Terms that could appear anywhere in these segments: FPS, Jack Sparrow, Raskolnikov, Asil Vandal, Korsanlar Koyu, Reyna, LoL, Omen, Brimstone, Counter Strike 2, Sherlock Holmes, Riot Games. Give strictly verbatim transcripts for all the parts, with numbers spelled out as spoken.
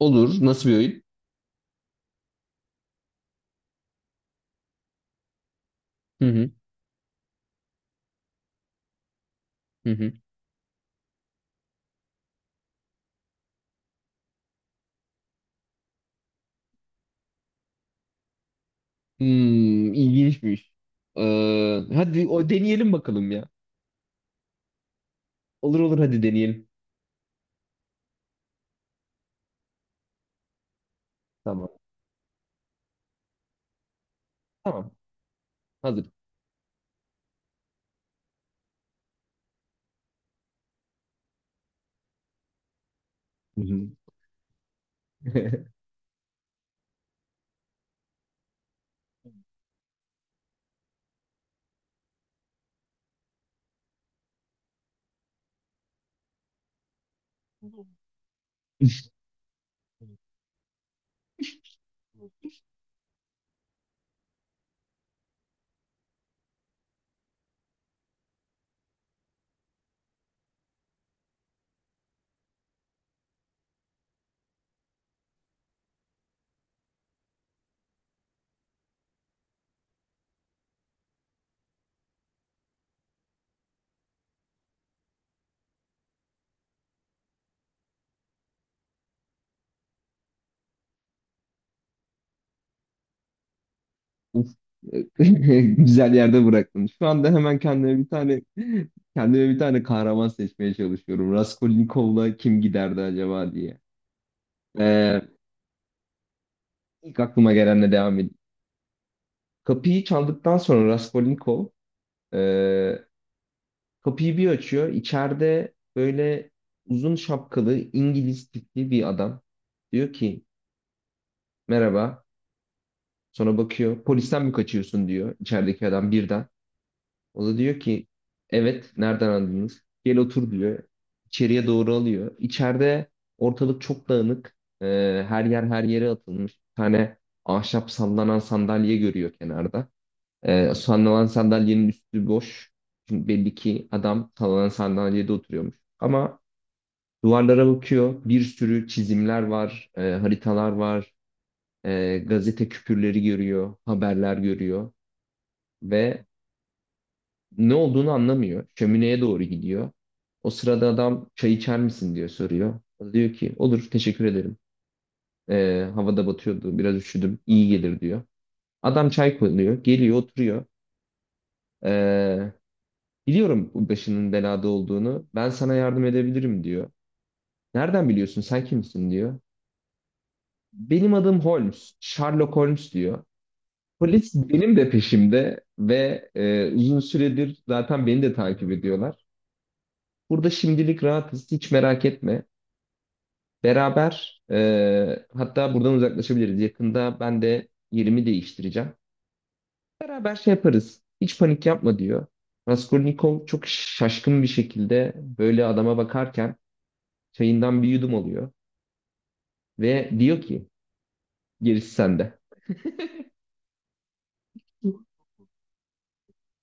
Olur. Nasıl bir oyun? Hı hı. Hı hı. Hmm, ilginçmiş. Ee, hadi o deneyelim bakalım ya. Olur olur, hadi deneyelim. Tamam. Tamam. Hazır. Hı hı. Uf. Güzel yerde bıraktın. Şu anda hemen kendime bir tane kendime bir tane kahraman seçmeye çalışıyorum. Raskolnikov'la kim giderdi acaba diye. Ee, ilk aklıma gelenle devam edeyim. Kapıyı çaldıktan sonra Raskolnikov ee, kapıyı bir açıyor. İçeride böyle uzun şapkalı İngiliz tipli bir adam. Diyor ki merhaba. Sonra bakıyor. Polisten mi kaçıyorsun diyor içerideki adam birden. O da diyor ki evet, nereden anladınız? Gel otur diyor. İçeriye doğru alıyor. İçeride ortalık çok dağınık. Ee, her yer her yere atılmış. Bir tane ahşap sallanan sandalye görüyor kenarda. Ee, sallanan sandalyenin üstü boş. Çünkü belli ki adam sallanan sandalyede oturuyormuş. Ama duvarlara bakıyor. Bir sürü çizimler var, e, haritalar var, e, gazete küpürleri görüyor, haberler görüyor ve ne olduğunu anlamıyor. Şömineye doğru gidiyor. O sırada adam çay içer misin diyor, soruyor. O diyor ki olur, teşekkür ederim. E, havada batıyordu, biraz üşüdüm, iyi gelir diyor. Adam çay koyuyor, geliyor, oturuyor. E, Biliyorum bu başının belada olduğunu, ben sana yardım edebilirim diyor. Nereden biliyorsun, sen kimsin diyor. Benim adım Holmes, Sherlock Holmes diyor. Polis benim de peşimde ve e, uzun süredir zaten beni de takip ediyorlar. Burada şimdilik rahatız, hiç merak etme. Beraber e, hatta buradan uzaklaşabiliriz. Yakında ben de yerimi değiştireceğim. Beraber şey yaparız. Hiç panik yapma diyor. Raskolnikov çok şaşkın bir şekilde böyle adama bakarken çayından bir yudum alıyor ve diyor ki gerisi sende.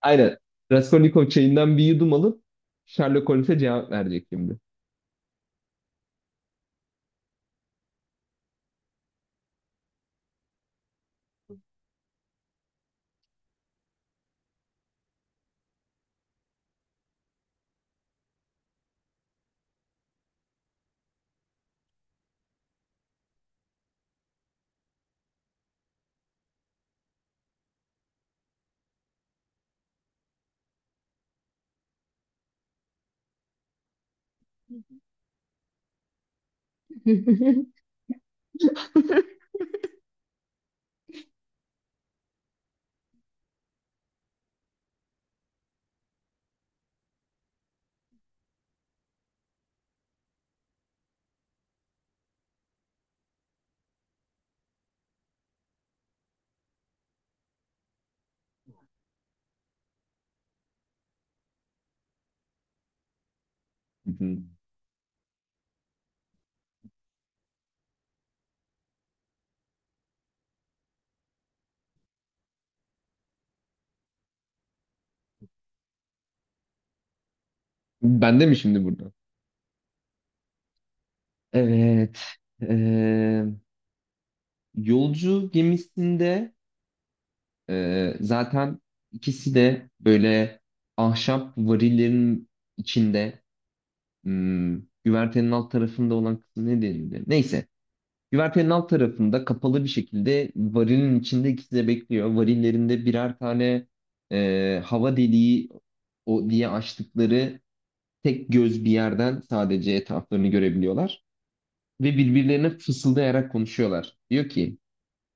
Aynen. Raskolnikov çayından bir yudum alıp Sherlock Holmes'e cevap verecek şimdi. Hı hı. Bende mi şimdi burada? Evet. eee, Yolcu gemisinde eee, zaten ikisi de böyle ahşap varillerin içinde, hmm, güvertenin alt tarafında olan kısmı ne denildi? Neyse. Güvertenin alt tarafında kapalı bir şekilde varilin içinde ikisi de bekliyor. Varillerinde birer tane eee, hava deliği o diye açtıkları tek göz bir yerden sadece etraflarını görebiliyorlar ve birbirlerine fısıldayarak konuşuyorlar. Diyor ki: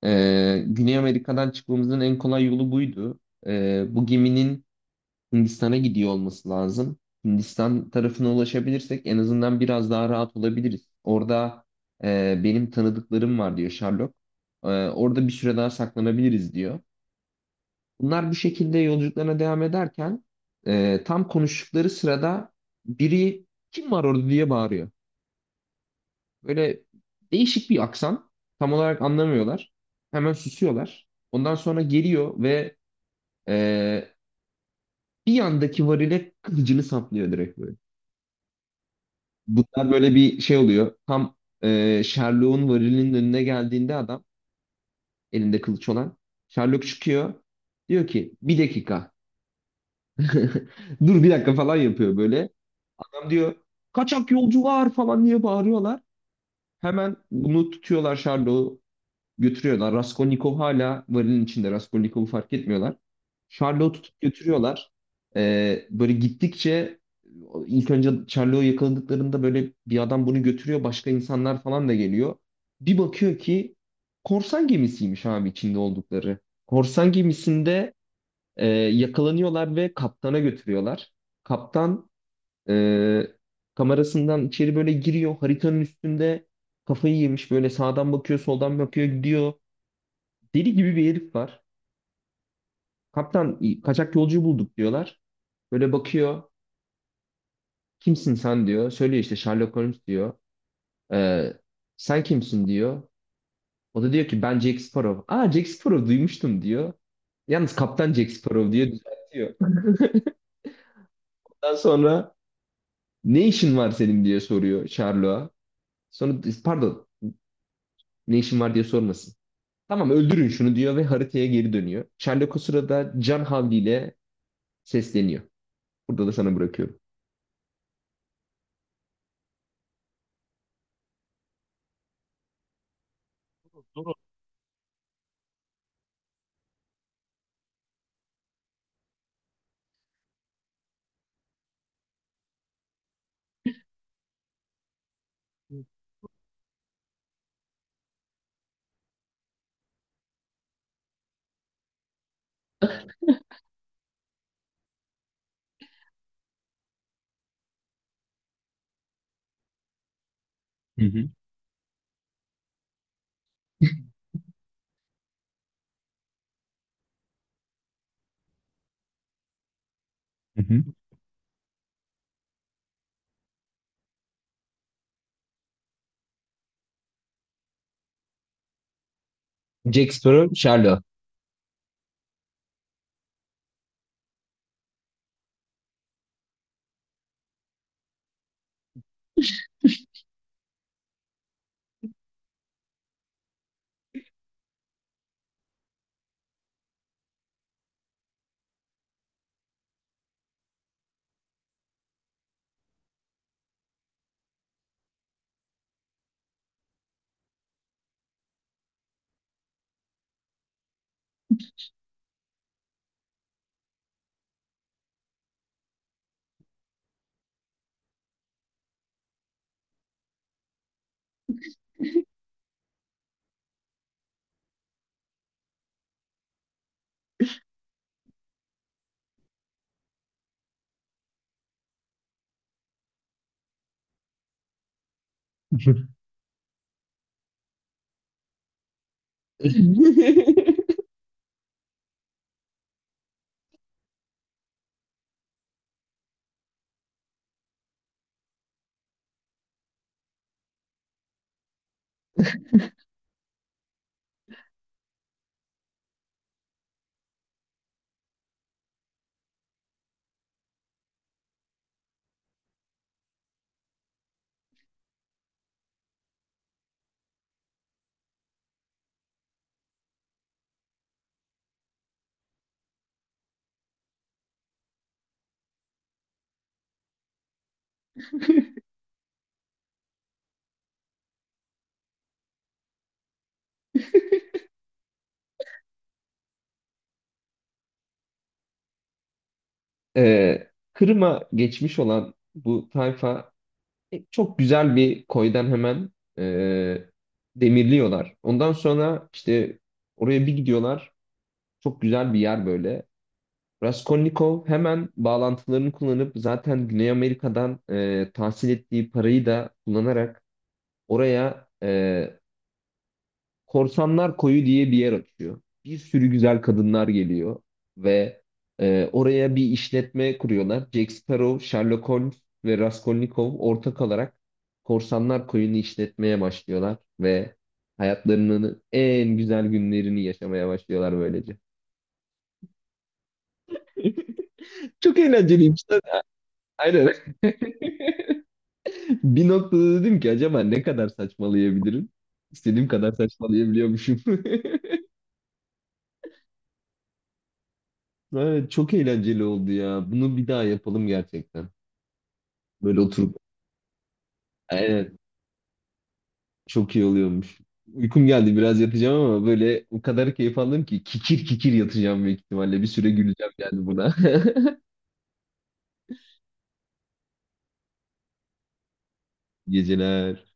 "Ee, Güney Amerika'dan çıkmamızın en kolay yolu buydu. Ee, bu geminin Hindistan'a gidiyor olması lazım. Hindistan tarafına ulaşabilirsek en azından biraz daha rahat olabiliriz. Orada e, benim tanıdıklarım var diyor Sherlock. Ee, orada bir süre daha saklanabiliriz diyor. Bunlar bu şekilde yolculuklarına devam ederken e, tam konuştukları sırada biri kim var orada diye bağırıyor. Böyle değişik bir aksan. Tam olarak anlamıyorlar. Hemen susuyorlar. Ondan sonra geliyor ve e, bir yandaki varile kılıcını saplıyor direkt böyle. Bunlar böyle bir şey oluyor. Tam e, Sherlock'un varilinin önüne geldiğinde adam, elinde kılıç olan, Sherlock çıkıyor. Diyor ki bir dakika. Dur bir dakika falan yapıyor böyle. Adam diyor, kaçak yolcu var falan diye bağırıyorlar. Hemen bunu tutuyorlar, Sherlock'u götürüyorlar. Raskolnikov hala varilin içinde. Raskolnikov'u fark etmiyorlar. Charlot'u tutup götürüyorlar. Ee, böyle gittikçe, ilk önce Charlot'u yakaladıklarında böyle bir adam bunu götürüyor. Başka insanlar falan da geliyor. Bir bakıyor ki korsan gemisiymiş abi içinde oldukları. Korsan gemisinde e, yakalanıyorlar ve kaptana götürüyorlar. Kaptan e, kamerasından içeri böyle giriyor. Haritanın üstünde kafayı yemiş, böyle sağdan bakıyor, soldan bakıyor, gidiyor. Deli gibi bir herif var. Kaptan, i- kaçak yolcu bulduk diyorlar. Böyle bakıyor. Kimsin sen diyor. Söylüyor işte, Sherlock Holmes diyor. Ee, Sen kimsin diyor. O da diyor ki ben Jack Sparrow. Aa, Jack Sparrow, duymuştum diyor. Yalnız kaptan Jack Sparrow diye düzeltiyor. Ondan sonra ne işin var senin diye soruyor Sherlock'a. Sonra pardon, ne işin var diye sormasın. Tamam, öldürün şunu diyor ve haritaya geri dönüyor. Sherlock o sırada can havliyle sesleniyor. Burada da sana bırakıyorum. Hı hı. Hı hı. Jack Sparrow, Sherlock. Ee, Kırım'a geçmiş olan bu tayfa e, çok güzel bir koydan hemen e, demirliyorlar. Ondan sonra işte oraya bir gidiyorlar. Çok güzel bir yer böyle. Raskolnikov hemen bağlantılarını kullanıp zaten Güney Amerika'dan e, tahsil ettiği parayı da kullanarak oraya e, Korsanlar Koyu diye bir yer açıyor. Bir sürü güzel kadınlar geliyor ve e, oraya bir işletme kuruyorlar. Jack Sparrow, Sherlock Holmes ve Raskolnikov ortak olarak Korsanlar Koyu'nu işletmeye başlıyorlar ve hayatlarının en güzel günlerini yaşamaya başlıyorlar böylece. Çok eğlenceliymiş. Aynen. Bir noktada dedim ki acaba ne kadar saçmalayabilirim? İstediğim kadar saçmalayabiliyormuşum. Evet, çok eğlenceli oldu ya. Bunu bir daha yapalım gerçekten. Böyle oturup, aynen, çok iyi oluyormuş. Uykum geldi, biraz yatacağım ama böyle o kadar keyif aldım ki kikir kikir yatacağım büyük ihtimalle. Bir süre güleceğim yani buna. Geceler.